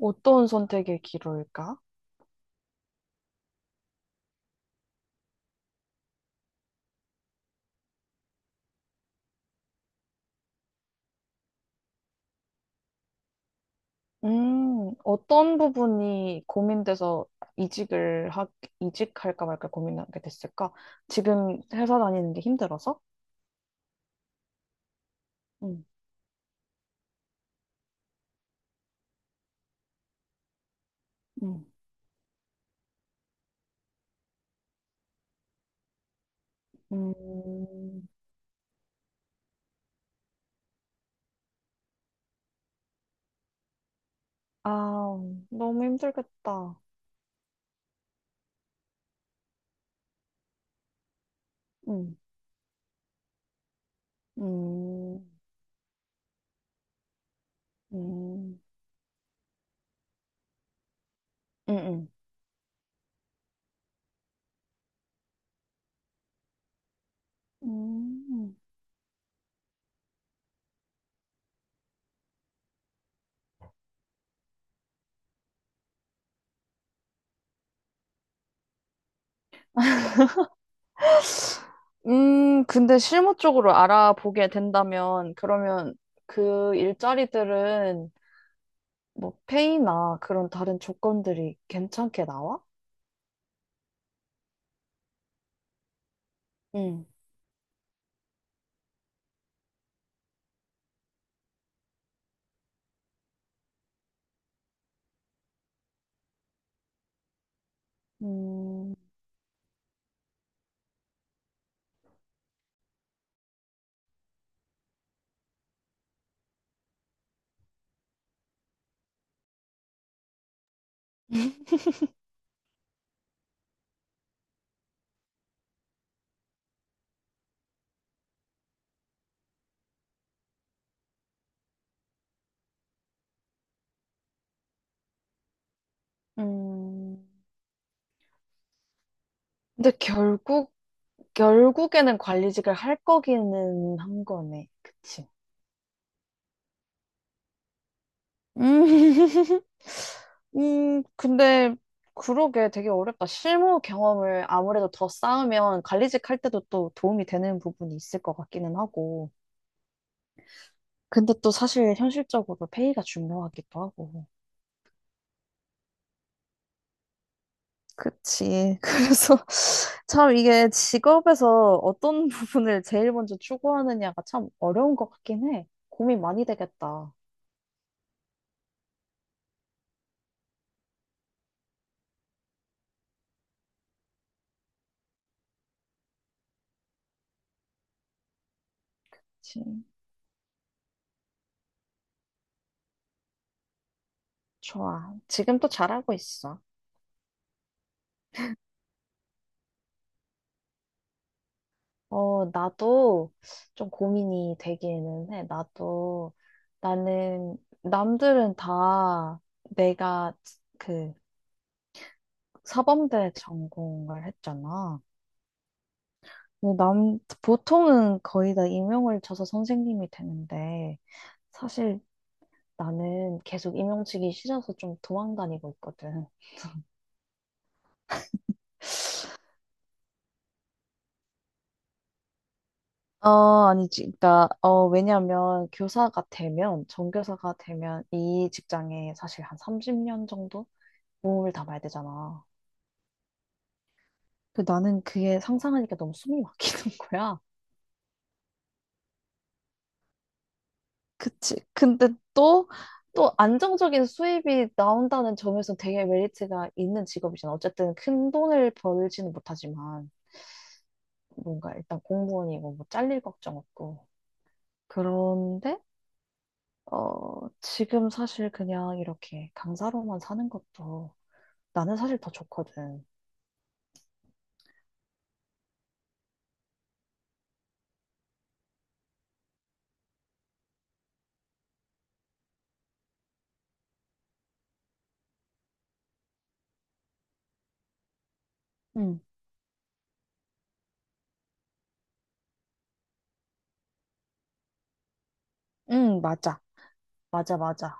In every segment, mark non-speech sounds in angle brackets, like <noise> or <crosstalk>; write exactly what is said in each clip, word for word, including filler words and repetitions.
어떤 선택의 기로일까? 음, 어떤 부분이 고민돼서 이직을 하, 이직할까 말까 고민하게 됐을까? 지금 회사 다니는 게 힘들어서? 응, 응, 음, 아, 너무 힘들겠다. 응, 응, 음, 음, 음. 응. 음, 근데 실무 쪽으로 알아보게 된다면, 그러면 그 일자리들은 뭐 페이나 그런 다른 조건들이 괜찮게 나와? 응. 음, 음, 근데 결국, 결국에는 관리직을 할 거기는 한 거네. 그치? 음, <laughs> 음, 근데 그러게 되게 어렵다. 실무 경험을 아무래도 더 쌓으면 관리직 할 때도 또 도움이 되는 부분이 있을 것 같기는 하고. 근데 또 사실 현실적으로 페이가 중요하기도 하고. 그치. <laughs> 그래서 참 이게 직업에서 어떤 <laughs> 부분을 제일 먼저 추구하느냐가 참 어려운 것 같긴 해. 고민 많이 되겠다. 그치. 좋아. 지금 또 잘하고 있어. 어, 나도 좀 고민이 되기는 해. 나도, 나는, 남들은 다 내가 그 사범대 전공을 했잖아. 근데 남, 보통은 거의 다 임용을 쳐서 선생님이 되는데, 사실 나는 계속 임용직이 싫어서 좀 도망 다니고 있거든. 어, 아니지. 그러니까, 어, 왜냐면 교사가 되면, 전교사가 되면 이 직장에 사실 한 삼십 년 정도 몸을 담아야 되잖아. 그 나는 그게 상상하니까 너무 숨이 막히는 <laughs> 거야. 그치. 근데 또, 또 안정적인 수입이 나온다는 점에서 되게 메리트가 있는 직업이잖아. 어쨌든 큰 돈을 벌지는 못하지만, 뭔가 일단 공무원이고 뭐 잘릴 걱정 없고. 그런데 어, 지금 사실 그냥 이렇게 강사로만 사는 것도 나는 사실 더 좋거든. 응, 응, 맞아. 맞아, 맞아.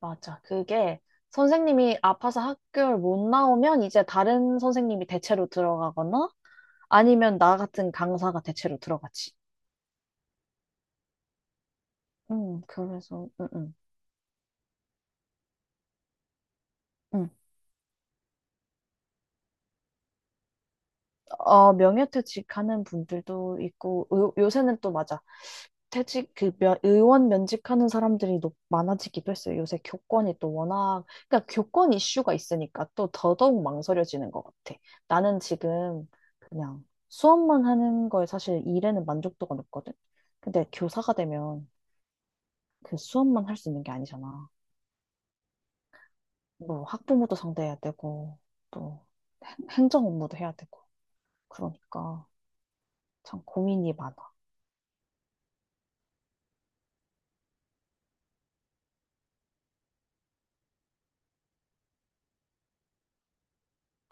맞아. 그게 선생님이 아파서 학교를 못 나오면 이제 다른 선생님이 대체로 들어가거나 아니면 나 같은 강사가 대체로 들어가지. 응, 그래서, 응, 응. 응. 어, 명예퇴직하는 분들도 있고, 요, 요새는 또 맞아. 퇴직 그 면, 의원 면직하는 사람들이 높, 많아지기도 했어요. 요새 교권이 또 워낙 그러니까 교권 이슈가 있으니까 또 더더욱 망설여지는 것 같아. 나는 지금 그냥 수업만 하는 거에 사실 일에는 만족도가 높거든. 근데 교사가 되면 그 수업만 할 수 있는 게 아니잖아. 뭐 학부모도 상대해야 되고 또 행- 행정 업무도 해야 되고 그러니까 참 고민이 많아.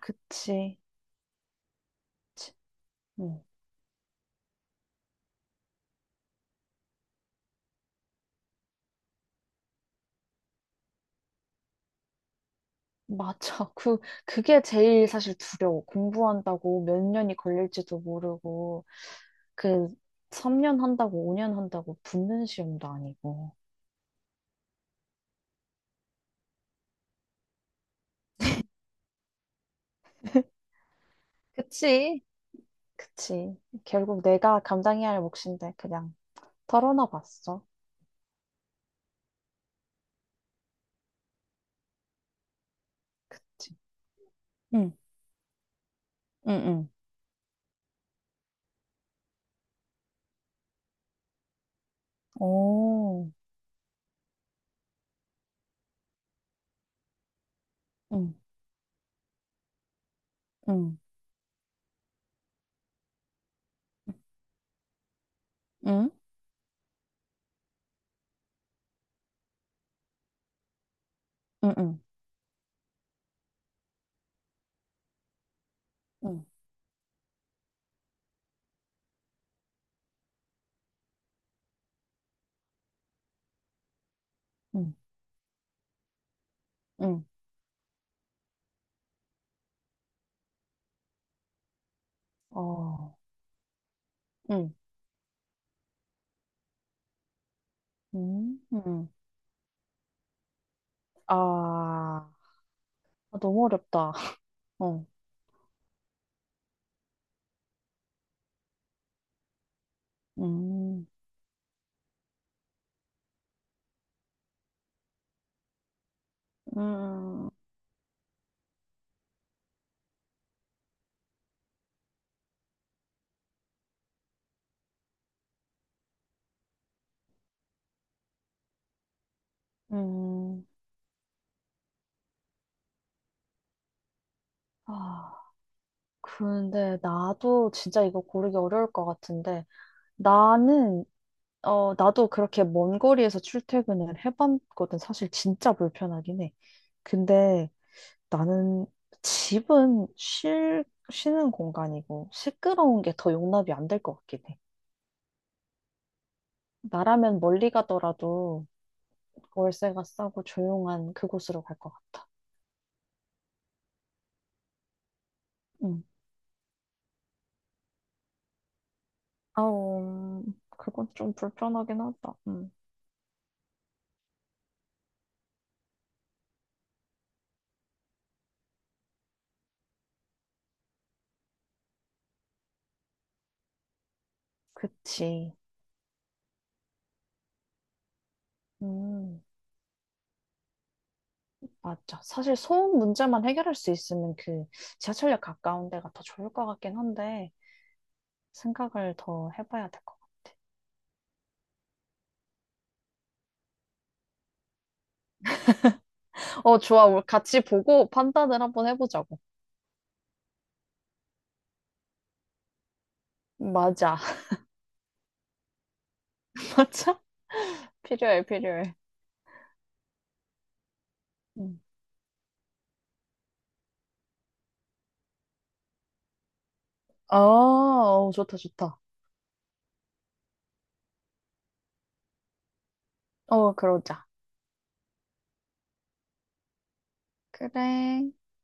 그치. 그치. 음. 맞아. <laughs> 그, 그게 제일 사실 두려워. 공부한다고 몇 년이 걸릴지도 모르고, 그, 삼 년 한다고, 오 년 한다고 붙는 시험도 아니고. 그치? 그치. 결국 내가 감당해야 할 몫인데, 그냥 털어놔 봤어. 그치. 응, 응, 응. 오, 응, 응, 응, 응, 응, 응, 응, 응, 응. 어, 응, 음, 응. 아, 너무 어렵다. <laughs> 어, 음. 음, 음, 아, 근데 나도 진짜 이거 고르기 어려울 것 같은데 나는 어 나도 그렇게 먼 거리에서 출퇴근을 해봤거든. 사실 진짜 불편하긴 해. 근데 나는 집은 쉴 쉬는 공간이고 시끄러운 게 더 용납이 안 될 것 같긴 해. 나라면 멀리 가더라도 월세가 싸고 조용한 그곳으로 갈 것 같아. 음. 아우, 음, 그건 좀 불편하긴 하다. 음, 그치. 음, 맞죠. 사실 소음 문제만 해결할 수 있으면 그 지하철역 가까운 데가 더 좋을 것 같긴 한데 생각을 더 해봐야 될 것 같아. 어, 좋아. 우리 같이 보고 판단을 한번 해보자고. 맞아. <laughs> 맞아. 필요해, 필요해. 음. 아 어, 좋다, 좋다. 어, 그러자. 그래.